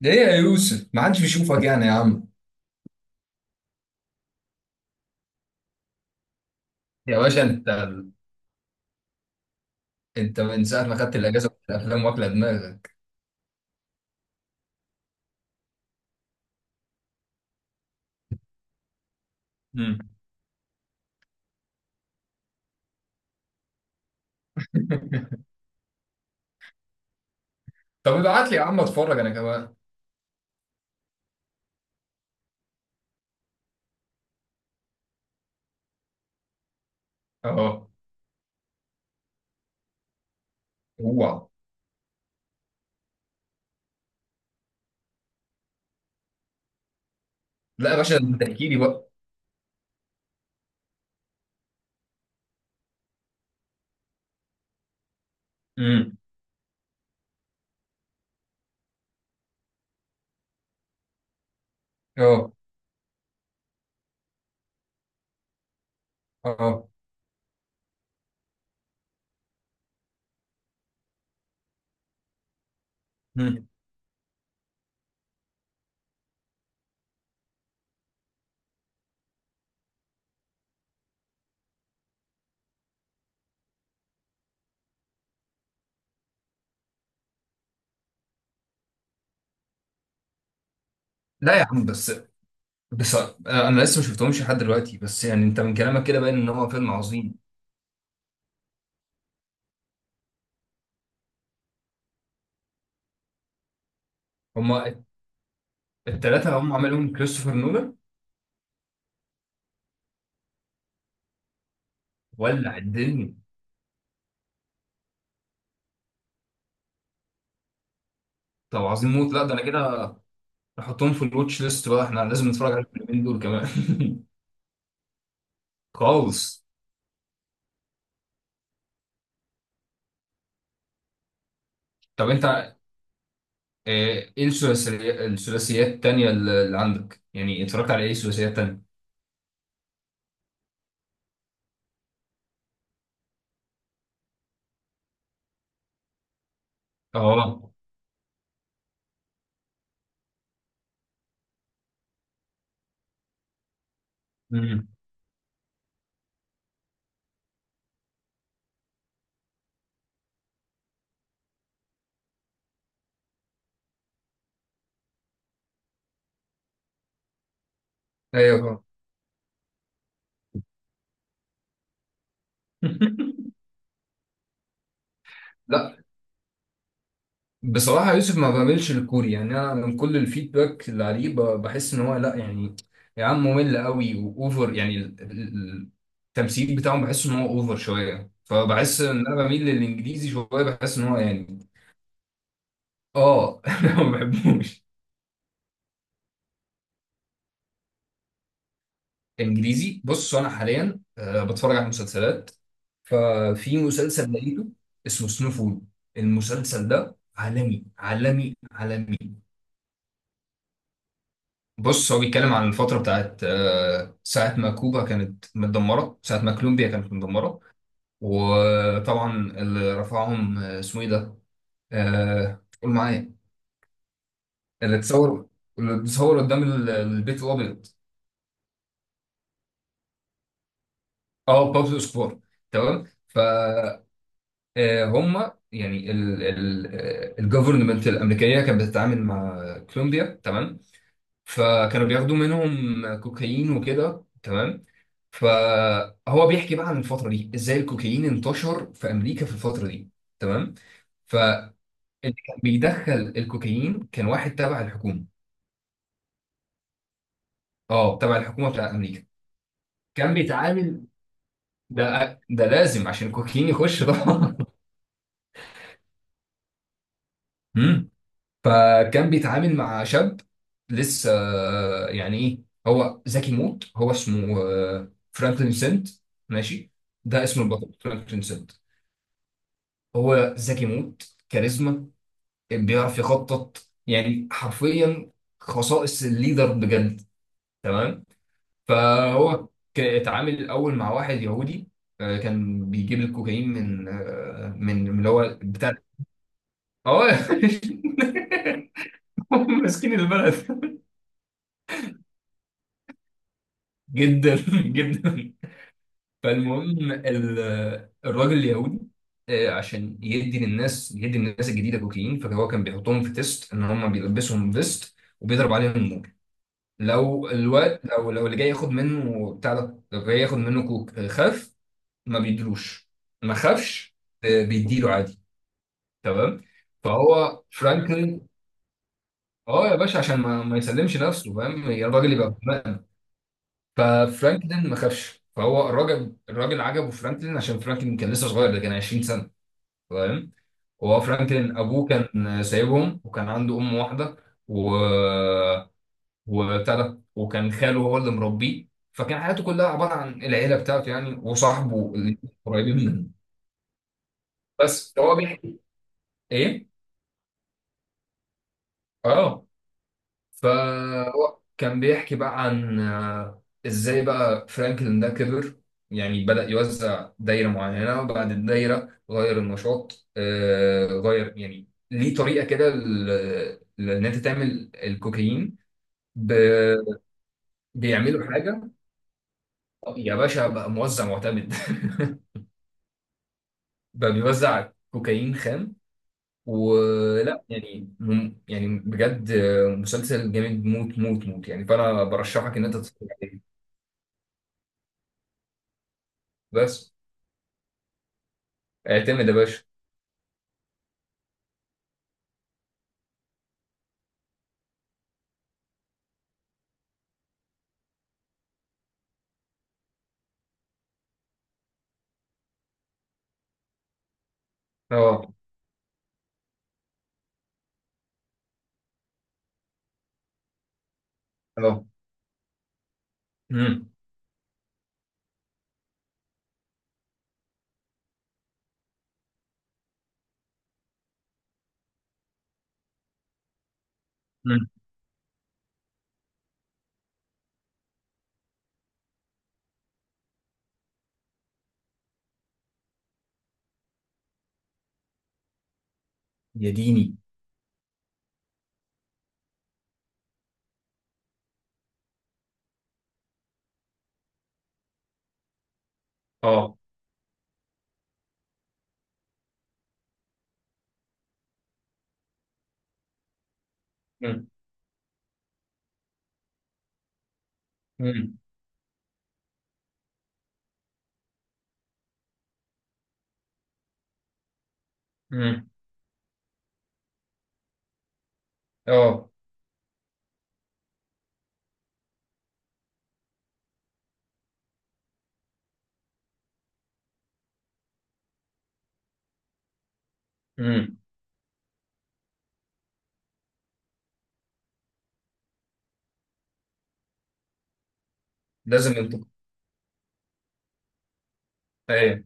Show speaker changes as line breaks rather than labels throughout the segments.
ليه يا يوسف ما حدش بيشوفك يعني يا عم؟ يا باشا انت من ساعه ما خدت الاجازه في الافلام واكله دماغك. امم. طب ابعت لي يا عم، اتفرج انا كمان. اه. اوعى. لا يا باشا، انت احكي لي بقى. امم. اه. اه. امم. لا يا عم بس، بس انا لسه ما شفتهمش لحد دلوقتي، بس يعني انت من كلامك كده باين ان هو فيلم عظيم. هما الثلاثه اللي هم عملهم كريستوفر نولان. ولع الدنيا. طب، عظيم موت، لا ده انا كده احطهم في الواتش ليست بقى، احنا لازم نتفرج على الفيلمين دول كمان. خالص. طب انت، ايه الثلاثيات التانية اللي عندك، يعني اتفرجت على ايه ثلاثيات تانية؟ اه. امم. ايوه فاهم. لا، بصراحة يوسف ما بعملش الكوري، يعني أنا من كل الفيدباك اللي عليه بحس إن هو لا يعني. يا عم ممل قوي وأوفر، يعني التمثيل بتاعهم بحس إن هو أوفر شوية، فبحس إن أنا بميل للإنجليزي شوية، بحس إن هو يعني. آه. أنا ما بحبوش. انجليزي، بص انا حاليا بتفرج على مسلسلات، ففي مسلسل لقيته اسمه سنوفول. المسلسل ده عالمي عالمي عالمي. بص، هو بيتكلم عن الفترة بتاعت ساعة ما كوبا كانت متدمرة، ساعة ما كولومبيا كانت متدمرة. وطبعا اللي رفعهم اسمه ايه ده؟ قول معايا. اللي اتصور، اللي اتصور قدام البيت الابيض. اه، بابلو اسكوبار. تمام. هم يعني الجفرمنت الامريكيه كانت بتتعامل مع كولومبيا. تمام. فكانوا بياخدوا منهم كوكايين وكده. تمام. فهو بيحكي بقى عن الفتره دي، ازاي الكوكايين انتشر في امريكا في الفتره دي. تمام. فاللي كان بيدخل الكوكايين كان واحد تبع الحكومه. اه، تبع الحكومه بتاع امريكا. كان بيتعامل. ده لازم عشان الكوكايين يخش طبعا. فكان بيتعامل مع شاب لسه، يعني ايه، هو ذكي موت، هو اسمه فرانكلين سنت. ماشي. ده اسم البطل فرانكلين سنت. هو ذكي موت، كاريزما، بيعرف يخطط، يعني حرفيا خصائص الليدر بجد. تمام. فهو اتعامل الاول مع واحد يهودي، كان بيجيب الكوكايين من من اللي هو بتاع. اه. هم ماسكين البلد. جدا. جدا. فالمهم، ال- الراجل اليهودي، عشان يدي للناس، يدي للناس الجديده كوكايين، فهو كان بيحطهم في تيست، ان هم بيلبسهم فيست وبيضرب عليهم النور. لو الوقت لو لو اللي جاي ياخد منه بتاع ده، لو جاي ياخد منه كوك خاف، ما بيدلوش. ما خافش، بيديله عادي. تمام. فهو فرانكلين، اه يا باشا، عشان ما يسلمش نفسه، فاهم يا الراجل، يبقى ففرانكلين ما خافش، فهو الراجل عجبه فرانكلين، عشان فرانكلين كان لسه صغير، ده كان 20 سنه. فاهم؟ وهو فرانكلين ابوه كان سايبهم، وكان عنده ام واحده، و وبتاع ده، وكان خاله هو اللي مربيه. فكان حياته كلها عباره عن العيله بتاعته يعني، وصاحبه اللي قريبين منه. بس هو بيحكي. ايه. اه. فهو كان بيحكي بقى عن ازاي بقى فرانكلين ده كبر، يعني بدأ يوزع دايرة معينة، وبعد الدايرة غير النشاط غير يعني ليه طريقة كده لأن أنت تعمل الكوكايين. ب- بيعملوا حاجة، يا باشا بقى موزع معتمد. بقى بيوزع كوكايين خام. ولا يعني يعني بجد مسلسل جامد موت موت موت، يعني فأنا برشحك إن أنت تتفرج عليه. بس اعتمد يا باشا. اه. اه. امم. امم. يا ديني. اه. امم. امم. امم. اه. امم. لازم ينطق. ايوه.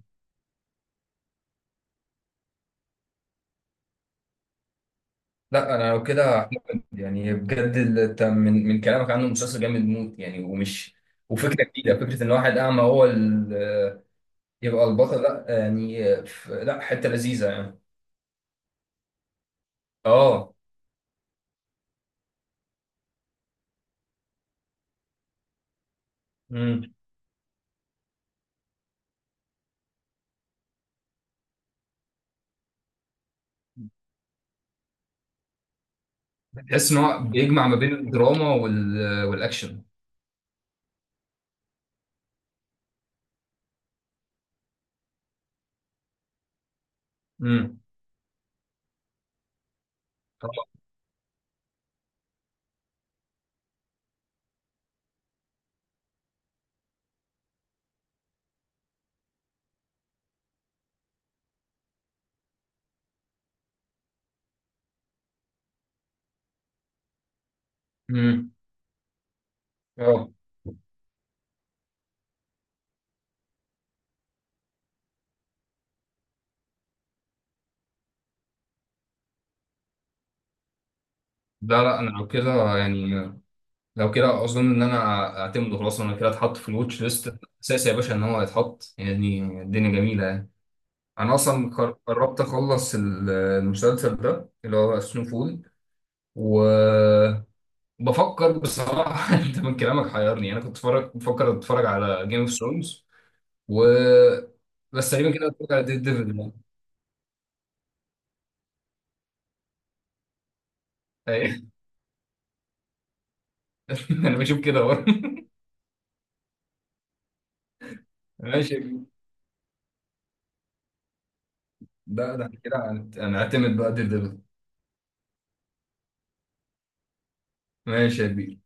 لا انا لو كده هحمد، يعني بجد انت من كلامك عنه مسلسل جامد موت، يعني ومش وفكره جديده، فكره ان واحد اعمى هو يبقى البطل، لا يعني لا حته لذيذه يعني. اه. امم. تحس ان هو بيجمع ما بين الدراما والاكشن. امم. امم. اه. لا لا، انا لو كده يعني، لو كده اظن ان انا اعتمده، خلاص انا كده اتحط في الواتش ليست اساسي يا باشا ان هو يتحط، يعني الدنيا جميله يعني. انا اصلا قربت اخلص المسلسل ده اللي هو سنو فول، وبفكر بصراحه. انت من كلامك حيرني، انا كنت بفكر اتفرج على جيم اوف ثرونز، و بس تقريبا كده اتفرج على ديد ديفل. انا بشوف كده برضه. ماشي يا كبير. ده كده هنعتمد بقى ديد ديفل. ماشي يا كبير.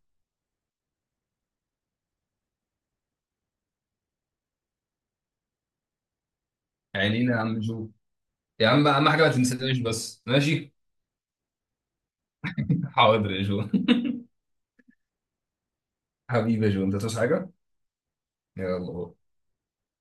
عينينا يا عم جو. يا عم اهم حاجه ما تنسانيش بس، ماشي. حاضر يا جو. حبيبي يا جو انت تصحى حاجه. يلا.